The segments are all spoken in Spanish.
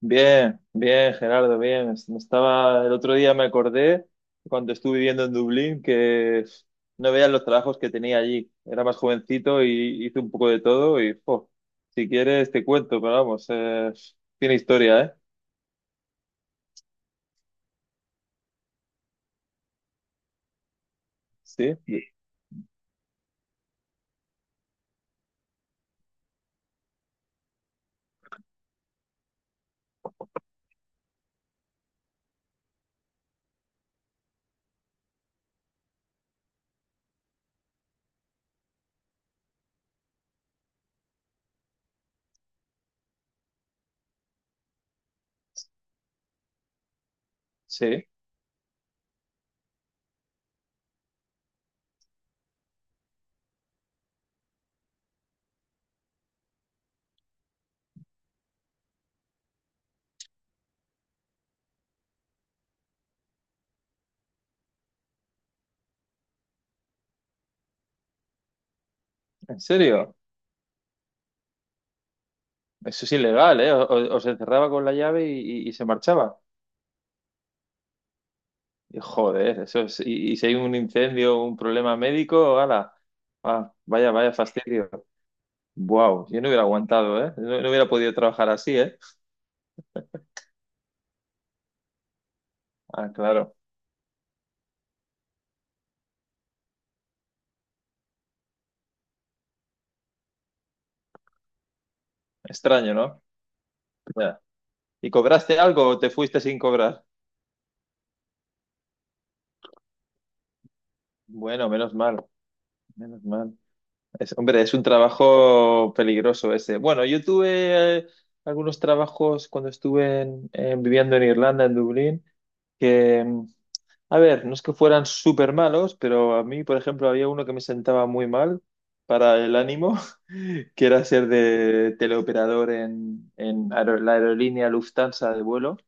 Bien, bien, Gerardo, bien. El otro día me acordé, cuando estuve viviendo en Dublín, que no veía los trabajos que tenía allí. Era más jovencito y hice un poco de todo y, jo, si quieres te cuento, pero vamos, tiene historia, ¿eh? Sí, sí, sí, en serio. Eso es ilegal, ¿eh? Os encerraba con la llave y se marchaba. Y, joder, eso es, y si hay un incendio, un problema médico, ala, ah, vaya, vaya fastidio. Wow, yo no hubiera aguantado, ¿eh? No, no hubiera podido trabajar así, ¿eh? Ah, claro. Extraño, ¿no? Ya. ¿Y cobraste algo o te fuiste sin cobrar? Bueno, menos mal, menos mal. Hombre, es un trabajo peligroso ese. Bueno, yo tuve algunos trabajos cuando estuve viviendo en Irlanda, en Dublín, que, a ver, no es que fueran súper malos, pero a mí, por ejemplo, había uno que me sentaba muy mal para el ánimo. Quiero hacer de teleoperador en la aerolínea Lufthansa de vuelo.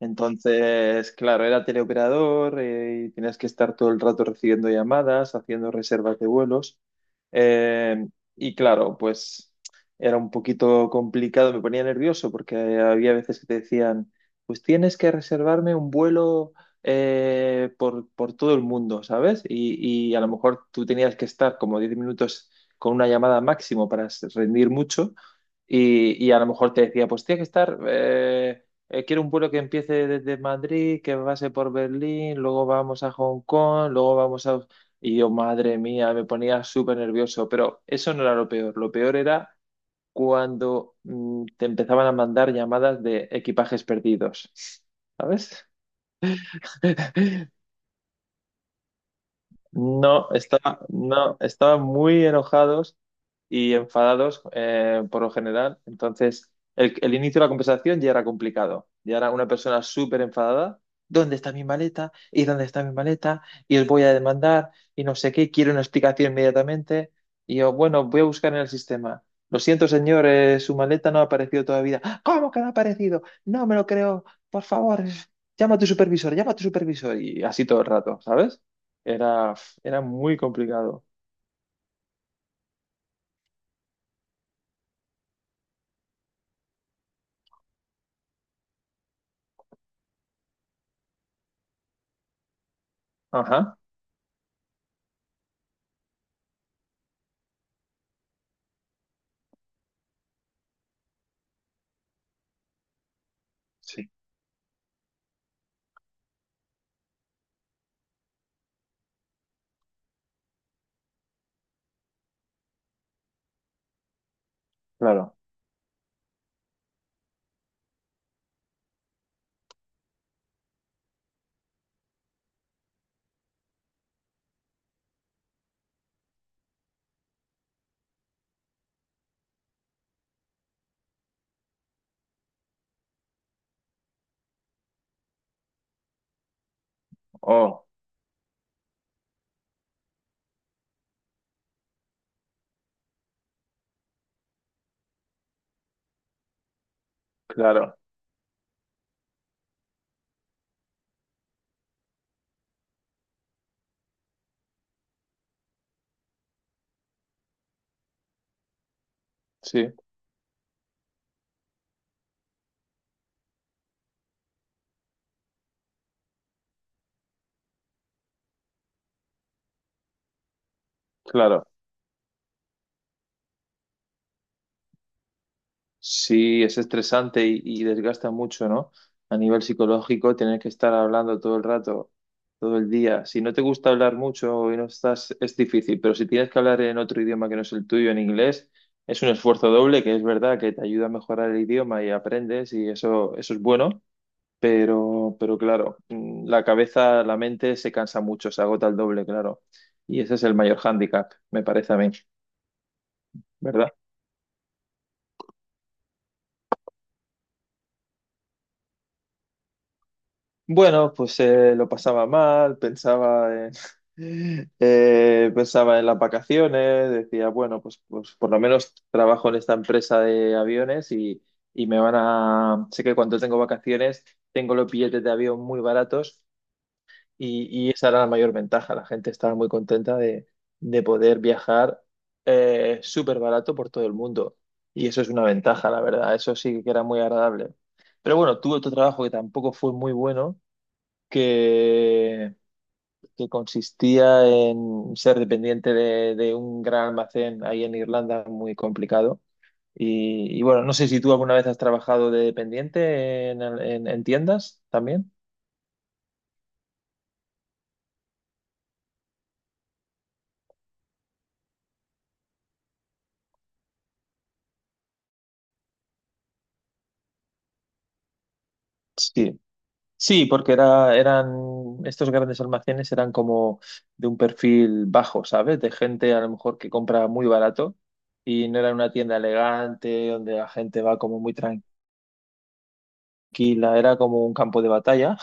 Entonces, claro, era teleoperador y tenías que estar todo el rato recibiendo llamadas, haciendo reservas de vuelos. Eh, y claro, pues era un poquito complicado, me ponía nervioso porque había veces que te decían, pues tienes que reservarme un vuelo por todo el mundo, ¿sabes? Y a lo mejor tú tenías que estar como 10 minutos con una llamada máximo para rendir mucho, y a lo mejor te decía, pues tienes que estar... quiero un vuelo que empiece desde Madrid, que pase por Berlín, luego vamos a Hong Kong, luego vamos a... Y yo, madre mía, me ponía súper nervioso, pero eso no era lo peor. Lo peor era cuando te empezaban a mandar llamadas de equipajes perdidos, ¿sabes? No, estaba, no, estaban muy enojados y enfadados por lo general. Entonces, el inicio de la conversación ya era complicado. Ya era una persona súper enfadada. ¿Dónde está mi maleta? ¿Y dónde está mi maleta? Y os voy a demandar y no sé qué. Quiero una explicación inmediatamente. Y yo, bueno, voy a buscar en el sistema. Lo siento, señor, su maleta no ha aparecido todavía. "Ah, ¿cómo que no ha aparecido? No me lo creo. Por favor, llama a tu supervisor, llama a tu supervisor." Y así todo el rato, ¿sabes? Era, era muy complicado. Ajá, sí, claro. Oh, claro, sí, claro. Sí, es estresante y desgasta mucho, ¿no? A nivel psicológico, tener que estar hablando todo el rato, todo el día. Si no te gusta hablar mucho y no estás, es difícil, pero si tienes que hablar en otro idioma que no es el tuyo, en inglés, es un esfuerzo doble, que es verdad que te ayuda a mejorar el idioma y aprendes y eso es bueno. Pero claro, la cabeza, la mente se cansa mucho, se agota el doble, claro. Y ese es el mayor hándicap, me parece a mí, ¿verdad? Bueno, pues lo pasaba mal, pensaba en, pensaba en las vacaciones, decía, bueno, pues por lo menos trabajo en esta empresa de aviones y me van a... Sé que cuando tengo vacaciones tengo los billetes de avión muy baratos. Y esa era la mayor ventaja. La gente estaba muy contenta de poder viajar súper barato por todo el mundo. Y eso es una ventaja, la verdad. Eso sí que era muy agradable. Pero bueno, tuve otro trabajo que tampoco fue muy bueno, que, que consistía en ser dependiente de un gran almacén ahí en Irlanda, muy complicado. Y bueno, no sé si tú alguna vez has trabajado de dependiente en tiendas también. Sí. Sí, porque estos grandes almacenes eran como de un perfil bajo, ¿sabes? De gente a lo mejor que compra muy barato, y no era una tienda elegante donde la gente va como muy tranquila, tranquila; era como un campo de batalla.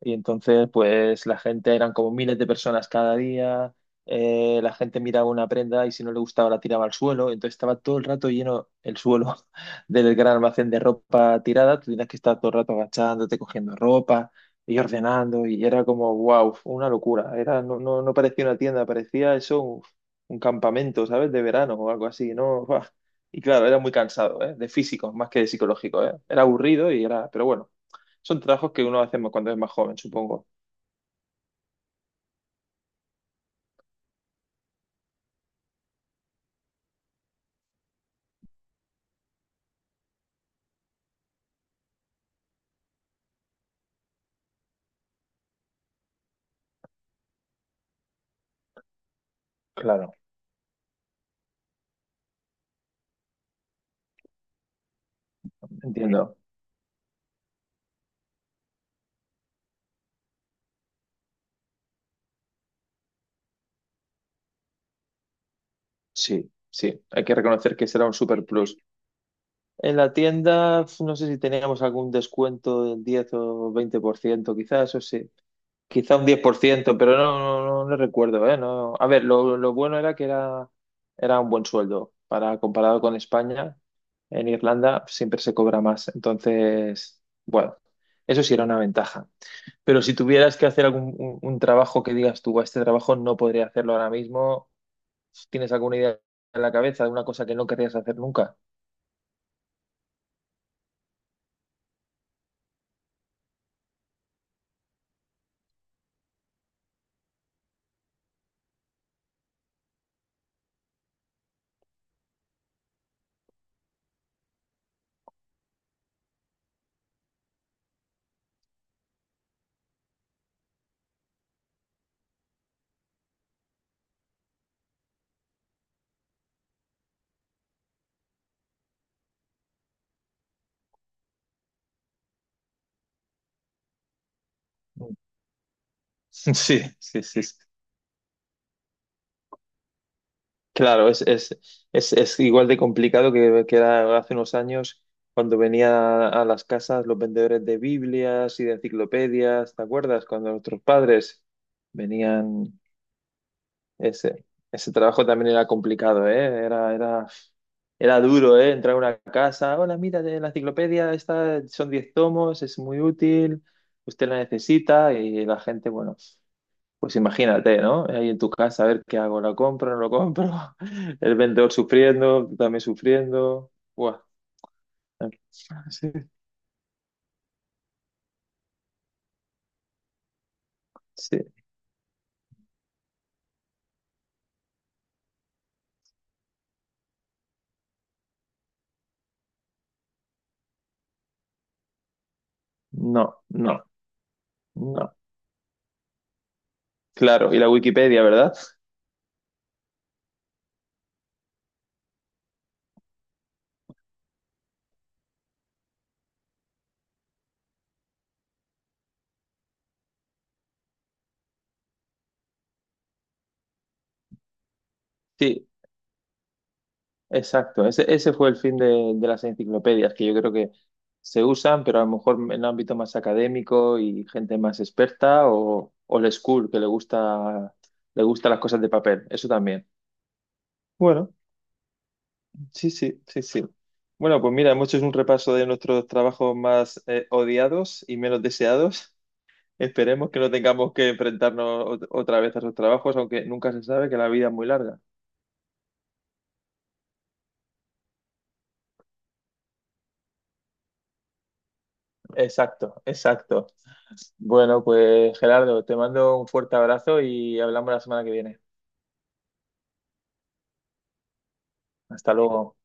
Y entonces, pues la gente eran como miles de personas cada día. La gente miraba una prenda y si no le gustaba la tiraba al suelo. Entonces estaba todo el rato lleno el suelo del gran almacén de ropa tirada. Tú tenías que estar todo el rato agachándote, cogiendo ropa y ordenando. Y era como, wow, una locura. No, no, no parecía una tienda, parecía eso un campamento, ¿sabes? De verano o algo así, ¿no? Y claro, era muy cansado, ¿eh? De físico, más que de psicológico, ¿eh? Era aburrido y era... Pero bueno, son trabajos que uno hace cuando es más joven, supongo. Claro, entiendo. Sí, sí. Hay que reconocer que será un super plus. En la tienda, no sé si teníamos algún descuento del 10 o 20% quizás, o sí. Quizá un 10%, pero no, no, no, no recuerdo, ¿eh? No, a ver, lo bueno era que era un buen sueldo. Para comparado con España, en Irlanda siempre se cobra más. Entonces, bueno, eso sí era una ventaja. Pero si tuvieras que hacer algún un trabajo que digas tú, "Buah, este trabajo no podría hacerlo ahora mismo", ¿tienes alguna idea en la cabeza de una cosa que no querrías hacer nunca? Sí, sí, sí. Claro, es igual de complicado que era hace unos años cuando venía a las casas los vendedores de Biblias y de enciclopedias, ¿te acuerdas? Cuando nuestros padres venían, ese, ese trabajo también era complicado, ¿eh? Era duro, ¿eh? Entrar a una casa, hola, mira, de la enciclopedia, esta son 10 tomos, es muy útil, usted la necesita y la gente, bueno. Pues imagínate, ¿no? Ahí en tu casa, a ver qué hago, ¿la compro, no lo compro? El vendedor sufriendo, tú también sufriendo. Buah. Sí, sí. No, no, no. Claro, y la Wikipedia, ¿verdad? Sí, exacto. Ese fue el fin de las enciclopedias, que yo creo que se usan, pero a lo mejor en el ámbito más académico y gente más experta o old school, que le gusta las cosas de papel. Eso también. Bueno. Sí, sí, sí, sí. Bueno, pues mira, hemos hecho un repaso de nuestros trabajos más odiados y menos deseados. Esperemos que no tengamos que enfrentarnos otra vez a esos trabajos, aunque nunca se sabe que la vida es muy larga. Exacto, exacto. Bueno, pues Gerardo, te mando un fuerte abrazo y hablamos la semana que viene. Hasta luego.